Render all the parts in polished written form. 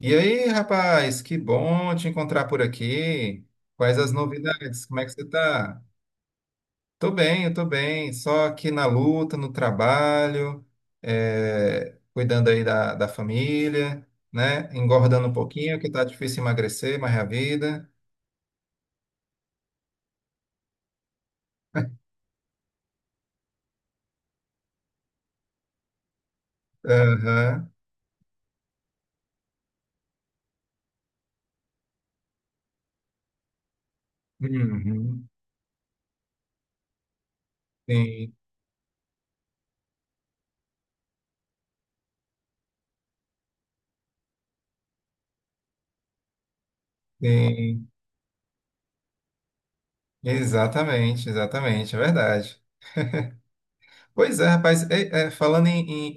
E aí, rapaz, que bom te encontrar por aqui. Quais as novidades? Como é que você tá? Tô bem, eu tô bem. Só aqui na luta, no trabalho, cuidando aí da família, né? Engordando um pouquinho, que tá difícil emagrecer, mas é a vida. Aham. Uhum. Sim, sim. Exatamente, exatamente, é verdade. Pois é, rapaz, falando em,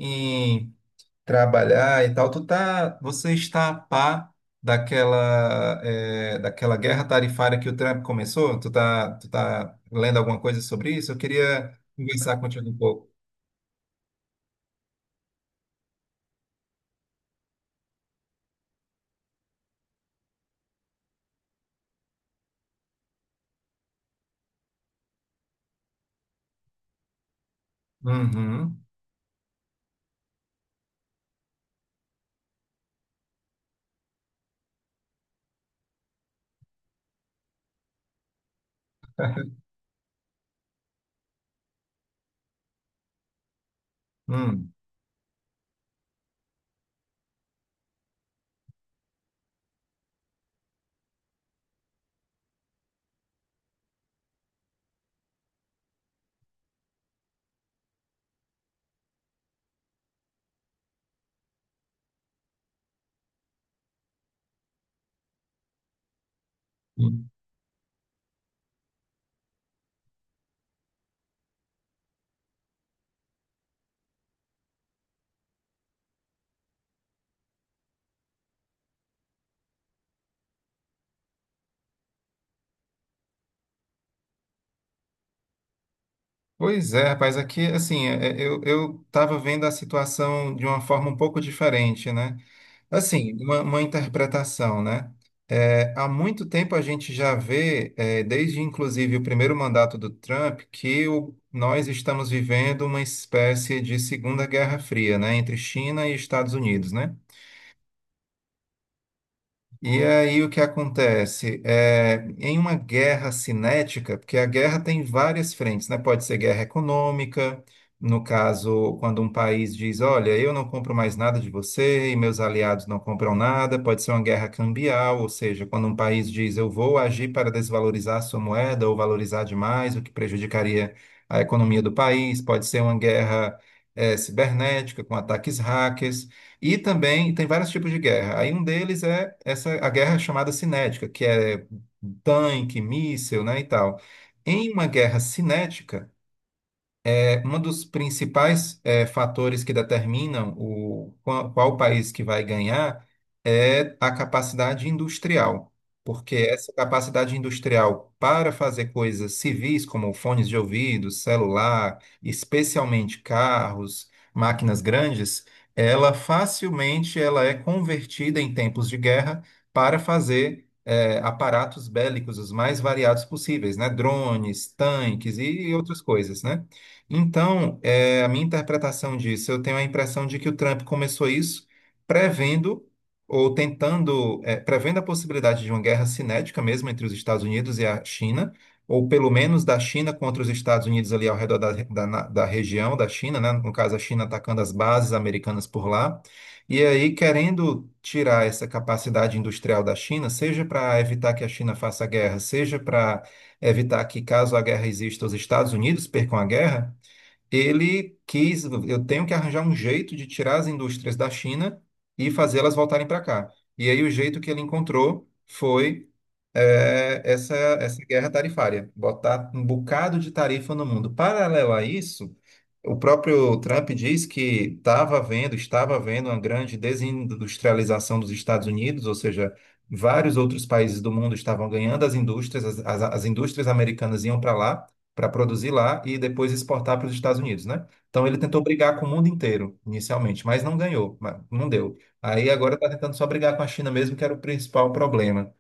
em- trabalhar e tal, você está a par daquela guerra tarifária que o Trump começou? Tu tá lendo alguma coisa sobre isso? Eu queria conversar contigo um pouco. Uhum. Hum. Hum. Pois é, rapaz, aqui, assim, eu estava vendo a situação de uma forma um pouco diferente, né? Assim, uma interpretação, né? Há muito tempo a gente já vê, desde inclusive o primeiro mandato do Trump, que nós estamos vivendo uma espécie de Segunda Guerra Fria, né? Entre China e Estados Unidos, né? E aí o que acontece? Em uma guerra cinética, porque a guerra tem várias frentes, né? Pode ser guerra econômica, no caso, quando um país diz, olha, eu não compro mais nada de você e meus aliados não compram nada, pode ser uma guerra cambial, ou seja, quando um país diz, eu vou agir para desvalorizar a sua moeda ou valorizar demais, o que prejudicaria a economia do país, pode ser uma guerra, cibernética com ataques hackers. E também tem vários tipos de guerra. Aí um deles é essa a guerra chamada cinética, que é tanque, míssil, né, e tal. Em uma guerra cinética, um dos principais fatores que determinam qual país que vai ganhar é a capacidade industrial, porque essa capacidade industrial para fazer coisas civis, como fones de ouvido, celular, especialmente carros, máquinas grandes, ela facilmente ela é convertida em tempos de guerra para fazer aparatos bélicos os mais variados possíveis, né? Drones, tanques e outras coisas, né? Então, a minha interpretação disso, eu tenho a impressão de que o Trump começou isso prevendo ou tentando, prevendo a possibilidade de uma guerra cinética mesmo entre os Estados Unidos e a China, ou pelo menos da China contra os Estados Unidos ali ao redor da região da China, né? No caso, a China atacando as bases americanas por lá. E aí, querendo tirar essa capacidade industrial da China, seja para evitar que a China faça guerra, seja para evitar que, caso a guerra exista, os Estados Unidos percam a guerra, ele quis, eu tenho que arranjar um jeito de tirar as indústrias da China e fazê-las voltarem para cá. E aí o jeito que ele encontrou foi essa guerra tarifária, botar um bocado de tarifa no mundo. Paralelo a isso, o próprio Trump diz que estava havendo uma grande desindustrialização dos Estados Unidos, ou seja, vários outros países do mundo estavam ganhando as indústrias, as indústrias americanas iam para lá, para produzir lá e depois exportar para os Estados Unidos, né? Então ele tentou brigar com o mundo inteiro inicialmente, mas não ganhou, mas não deu. Aí agora está tentando só brigar com a China mesmo, que era o principal problema.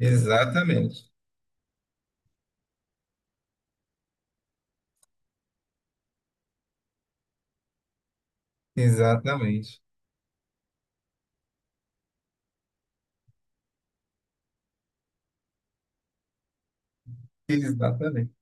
Exatamente, exatamente, exatamente.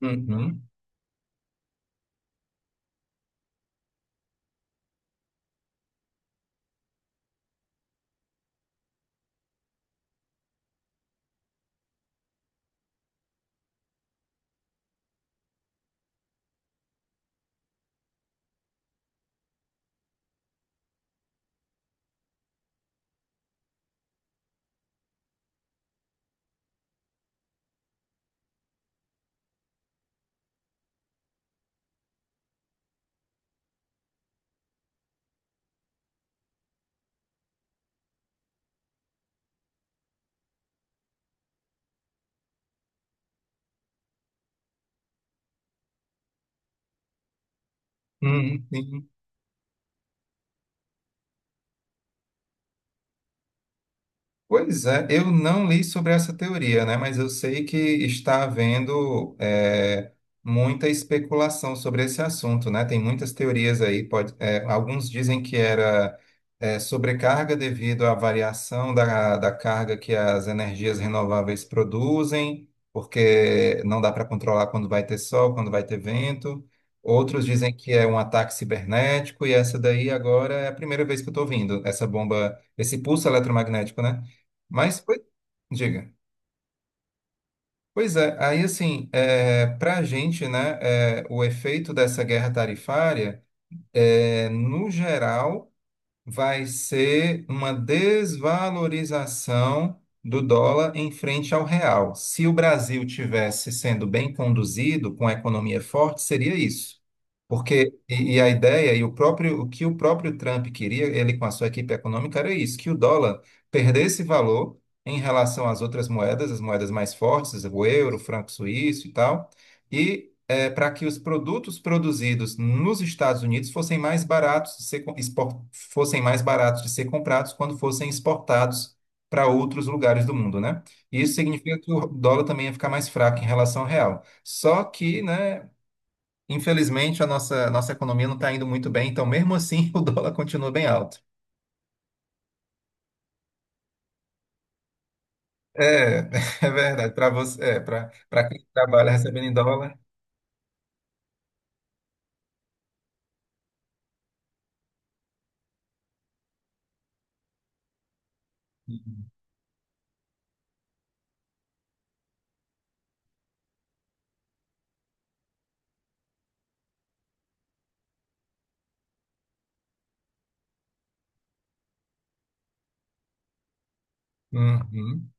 Uhum. Uhum. Sim. Pois é, eu não li sobre essa teoria, né? Mas eu sei que está havendo muita especulação sobre esse assunto, né? Tem muitas teorias aí. Alguns dizem que era sobrecarga devido à variação da carga que as energias renováveis produzem, porque não dá para controlar quando vai ter sol, quando vai ter vento. Outros dizem que é um ataque cibernético, e essa daí agora é a primeira vez que eu estou ouvindo, essa bomba, esse pulso eletromagnético, né? Mas, pois, diga. Pois é, aí assim, para a gente, né, o efeito dessa guerra tarifária, no geral vai ser uma desvalorização do dólar em frente ao real. Se o Brasil tivesse sendo bem conduzido, com a economia forte, seria isso. Porque, e a ideia, e o próprio, o que o próprio Trump queria, ele com a sua equipe econômica, era isso, que o dólar perdesse valor em relação às outras moedas, as moedas mais fortes, o euro, o franco suíço e tal, e para que os produtos produzidos nos Estados Unidos fossem mais baratos de ser comprados quando fossem exportados para outros lugares do mundo, né? E isso significa que o dólar também ia ficar mais fraco em relação ao real. Só que, né, infelizmente a nossa economia não está indo muito bem, então mesmo assim o dólar continua bem alto. É, é verdade, para você, para quem trabalha recebendo em dólar. Uhum, uhum,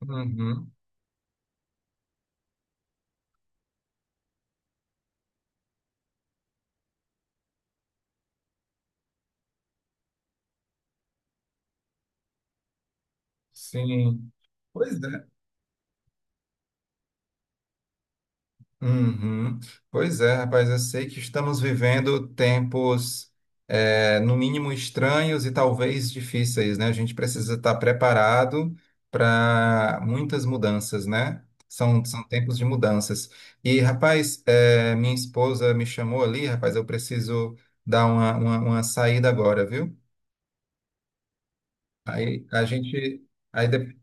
uhum, sim. Pois é. Uhum. Pois é, rapaz, eu sei que estamos vivendo tempos, no mínimo estranhos e talvez difíceis, né? A gente precisa estar preparado para muitas mudanças, né? São tempos de mudanças. E, rapaz, minha esposa me chamou ali, rapaz, eu preciso dar uma saída agora, viu? Aí a gente. Aí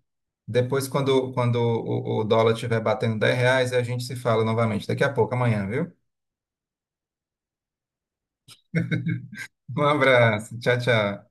depois, quando o dólar estiver batendo R$ 10, a gente se fala novamente. Daqui a pouco, amanhã, viu? Um abraço. Tchau, tchau.